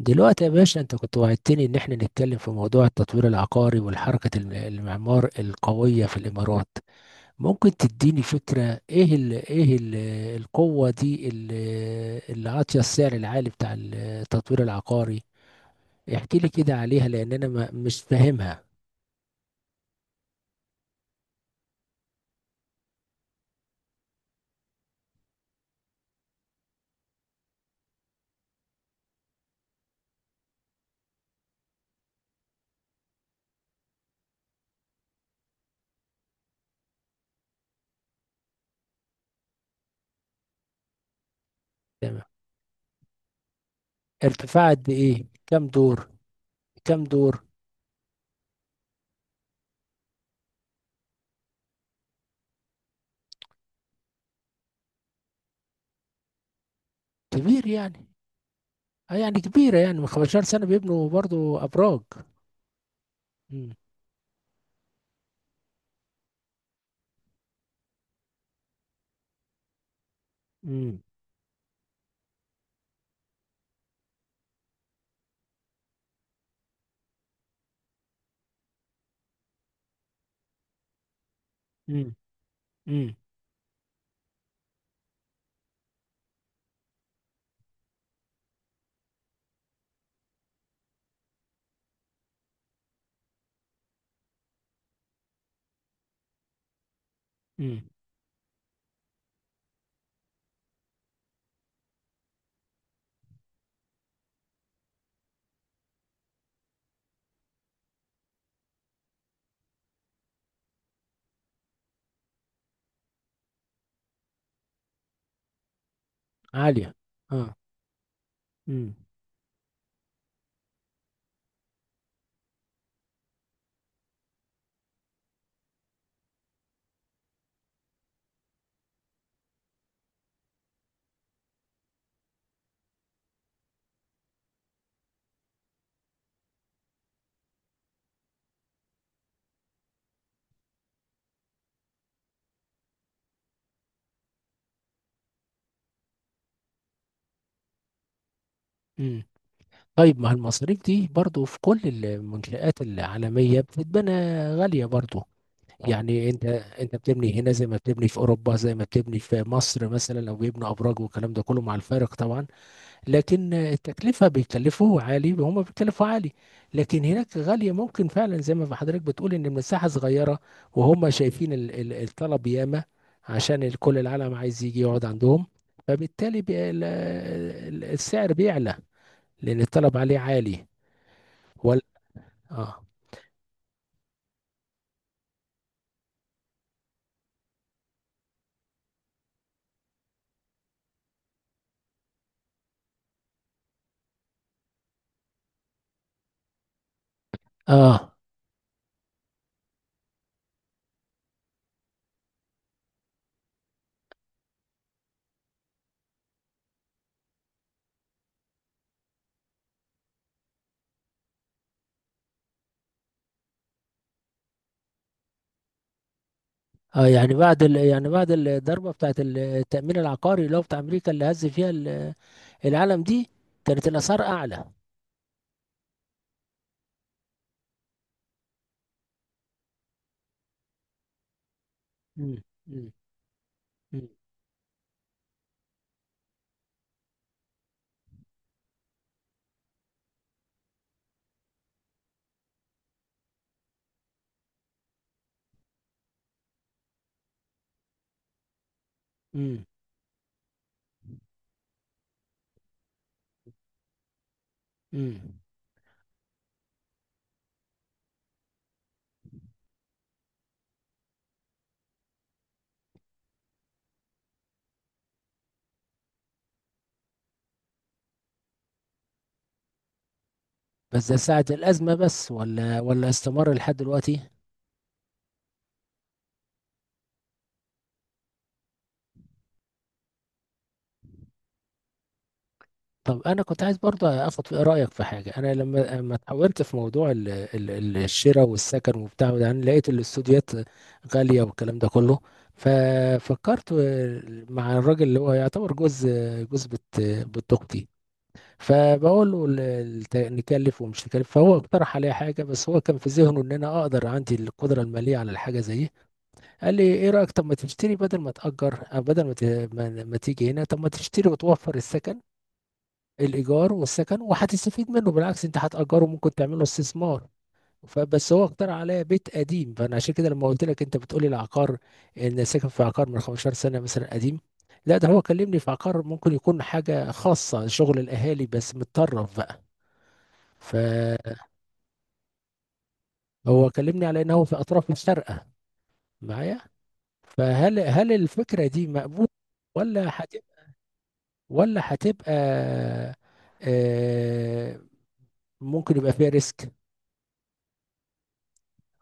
دلوقتي يا باشا، انت كنت وعدتني ان احنا نتكلم في موضوع التطوير العقاري والحركة المعمار القوية في الامارات. ممكن تديني فكرة، ايه ال القوة دي، اللي عاطية السعر العالي بتاع التطوير العقاري. احكي لي كده عليها، لان انا ما مش فاهمها. تمام. ارتفاع قد ايه، كام دور؟ كام دور؟ كبير يعني. اه يعني كبيرة، يعني من 15 سنة بيبنوا برضو ابراج. امم امم امم امم عالية. اه. امم امم طيب، ما المصاريف دي برضو في كل المنشآت العالمية بتتبنى غالية برضو. يعني انت بتبني هنا زي ما بتبني في اوروبا، زي ما بتبني في مصر، مثلا لو بيبنوا ابراج والكلام ده كله، مع الفارق طبعا. لكن التكلفة بيكلفوه عالي، هم بيكلفوا عالي. لكن هناك غالية ممكن فعلا، زي ما حضرتك بتقول، ان المساحة صغيرة وهم شايفين الطلب ياما، عشان كل العالم عايز يجي يقعد عندهم. فبالتالي السعر بيعلى، لأن الطلب عليه عالي. ولا؟ اه. اه. اه يعني بعد الضربة بتاعت التأمين العقاري اللي هو بتاع أمريكا، اللي هز فيها العالم دي، كانت الأسعار أعلى. مم. مم. مم. مم. مم. بس ده ساعة الأزمة بس، ولا استمر لحد دلوقتي؟ طب انا كنت عايز برضه اخد رايك في حاجه. انا لما اتحولت في موضوع الشراء والسكن وبتاع وده، انا لقيت الاستوديوهات غاليه والكلام ده كله. ففكرت مع الراجل اللي هو يعتبر جوز بت اختي. فبقول له نكلف ومش نكلف. فهو اقترح عليا حاجه، بس هو كان في ذهنه ان انا اقدر، عندي القدره الماليه على الحاجه زي دي. قال لي ايه رايك، طب ما تشتري بدل ما تاجر، أو بدل ما تيجي هنا، طب ما تشتري وتوفر السكن، الايجار والسكن، وهتستفيد منه. بالعكس انت هتاجره، ممكن تعمله استثمار. فبس هو اقترح عليا بيت قديم. فانا عشان كده لما قلت لك انت بتقولي العقار، ان ساكن في عقار من 15 سنه مثلا، قديم. لا، ده هو كلمني في عقار ممكن يكون حاجه خاصه، شغل الاهالي بس، متطرف بقى. فهو كلمني على انه في اطراف الشارقه، معايا. فهل الفكره دي مقبوله، ولا هتبقى، ولا هتبقى، آه، ممكن يبقى فيها ريسك؟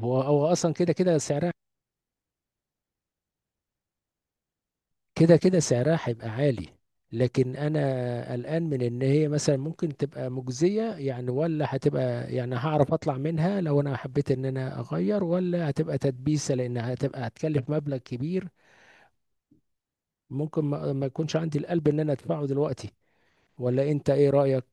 هو اصلا كده كده سعرها. كده كده سعرها هيبقى عالي، لكن انا قلقان من ان هي مثلا ممكن تبقى مجزية يعني، ولا هتبقى يعني، هعرف اطلع منها لو انا حبيت ان انا اغير، ولا هتبقى تدبيسة، لانها هتبقى هتكلف مبلغ كبير ممكن ما يكونش عندي القلب ان انا ادفعه دلوقتي. ولا انت ايه رأيك؟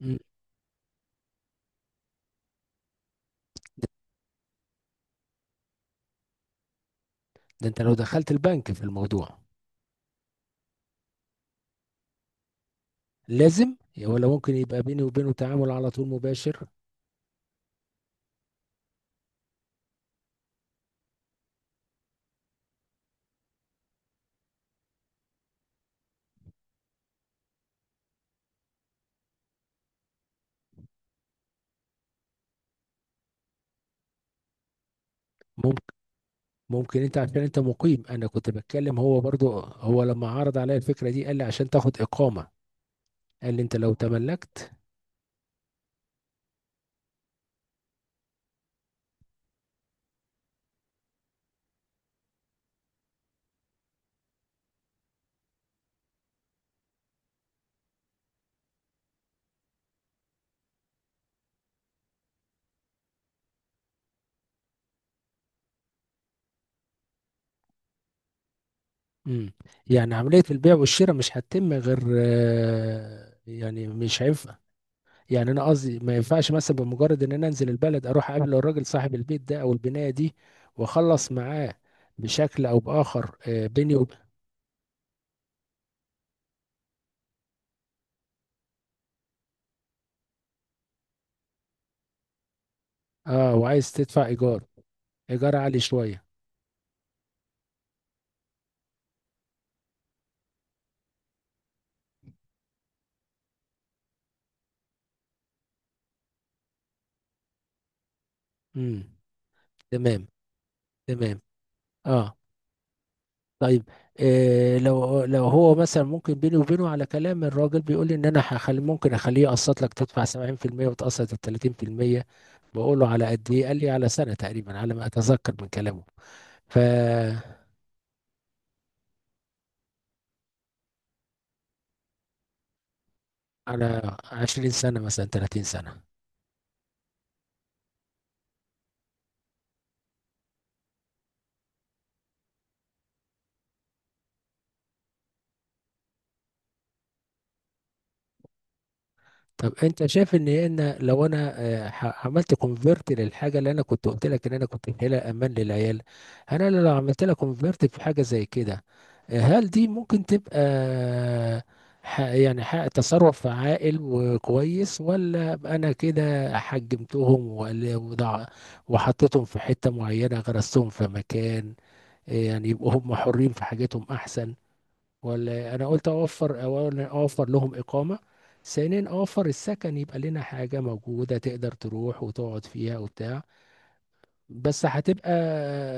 مم. ده ده انت لو دخلت البنك في الموضوع لازم؟ ولا ممكن يبقى بيني وبينه تعامل على طول مباشر؟ ممكن انت عشان انت مقيم. انا كنت بتكلم هو برضو. هو لما عرض عليا الفكره دي قال لي عشان تاخد اقامه. قال لي انت لو تملكت. امم. يعني عمليه البيع والشراء مش هتتم غير، يعني مش هينفع؟ يعني انا قصدي ما ينفعش، مثلا بمجرد ان انا انزل البلد، اروح اقابل الراجل صاحب البيت ده او البنايه دي واخلص معاه بشكل او باخر، بيني وب... اه، وعايز تدفع ايجار. ايجار عالي شويه. امم. تمام. تمام. اه. طيب، إيه لو هو مثلا ممكن بيني وبينه على كلام، الراجل بيقول لي ان انا هخلي، ممكن اخليه يقسط لك، تدفع 70% وتقسط ال 30%. بقول له على قد ايه، قال لي على سنه تقريبا، على ما اتذكر من كلامه. ف على 20 سنه مثلا، 30 سنه. طب انت شايف ان انا لو انا عملت كونفيرت للحاجه اللي انا كنت قلت لك ان انا كنت شايلها امان للعيال، انا لو عملت لها كونفيرت في حاجه زي كده، هل دي ممكن تبقى تصرف عاقل وكويس؟ ولا أبقى انا كده حجمتهم، وحطيتهم في حته معينه، غرستهم في مكان، يعني يبقوا هم حرين في حاجتهم احسن؟ ولا انا قلت اوفر، اولا اوفر لهم اقامه، ثانيا اوفر السكن، يبقى لنا حاجه موجوده تقدر تروح وتقعد فيها وبتاع؟ بس هتبقى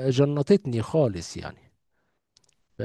جنطتني خالص يعني. ف...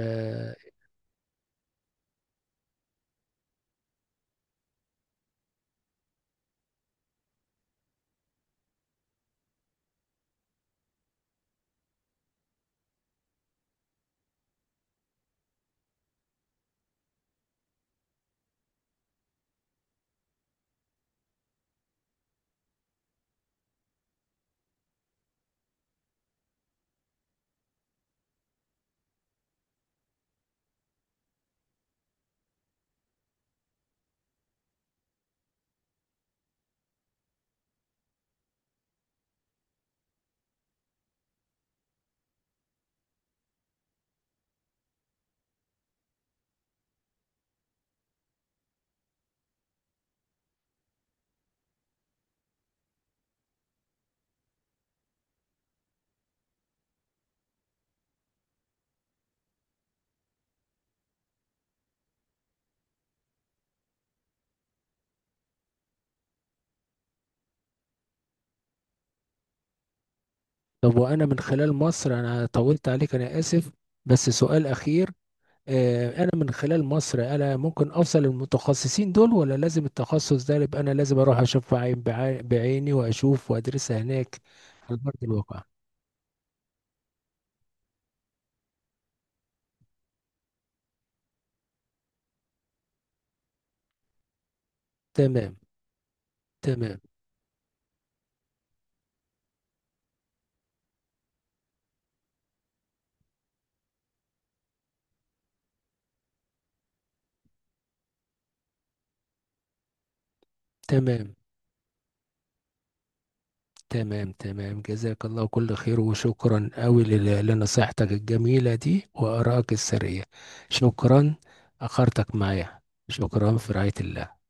طب وانا من خلال مصر، انا طولت عليك، انا اسف، بس سؤال اخير. انا من خلال مصر انا ممكن اوصل المتخصصين دول، ولا لازم التخصص ده يبقى انا لازم اروح اشوف عين بعيني واشوف وادرسها هناك، على ارض الواقع؟ تمام. تمام. تمام. تمام. تمام. جزاك الله كل خير، وشكرا أوي لنصيحتك الجميلة دي وآرائك السرية. شكرا. أخرتك معايا. شكرا. في رعاية الله.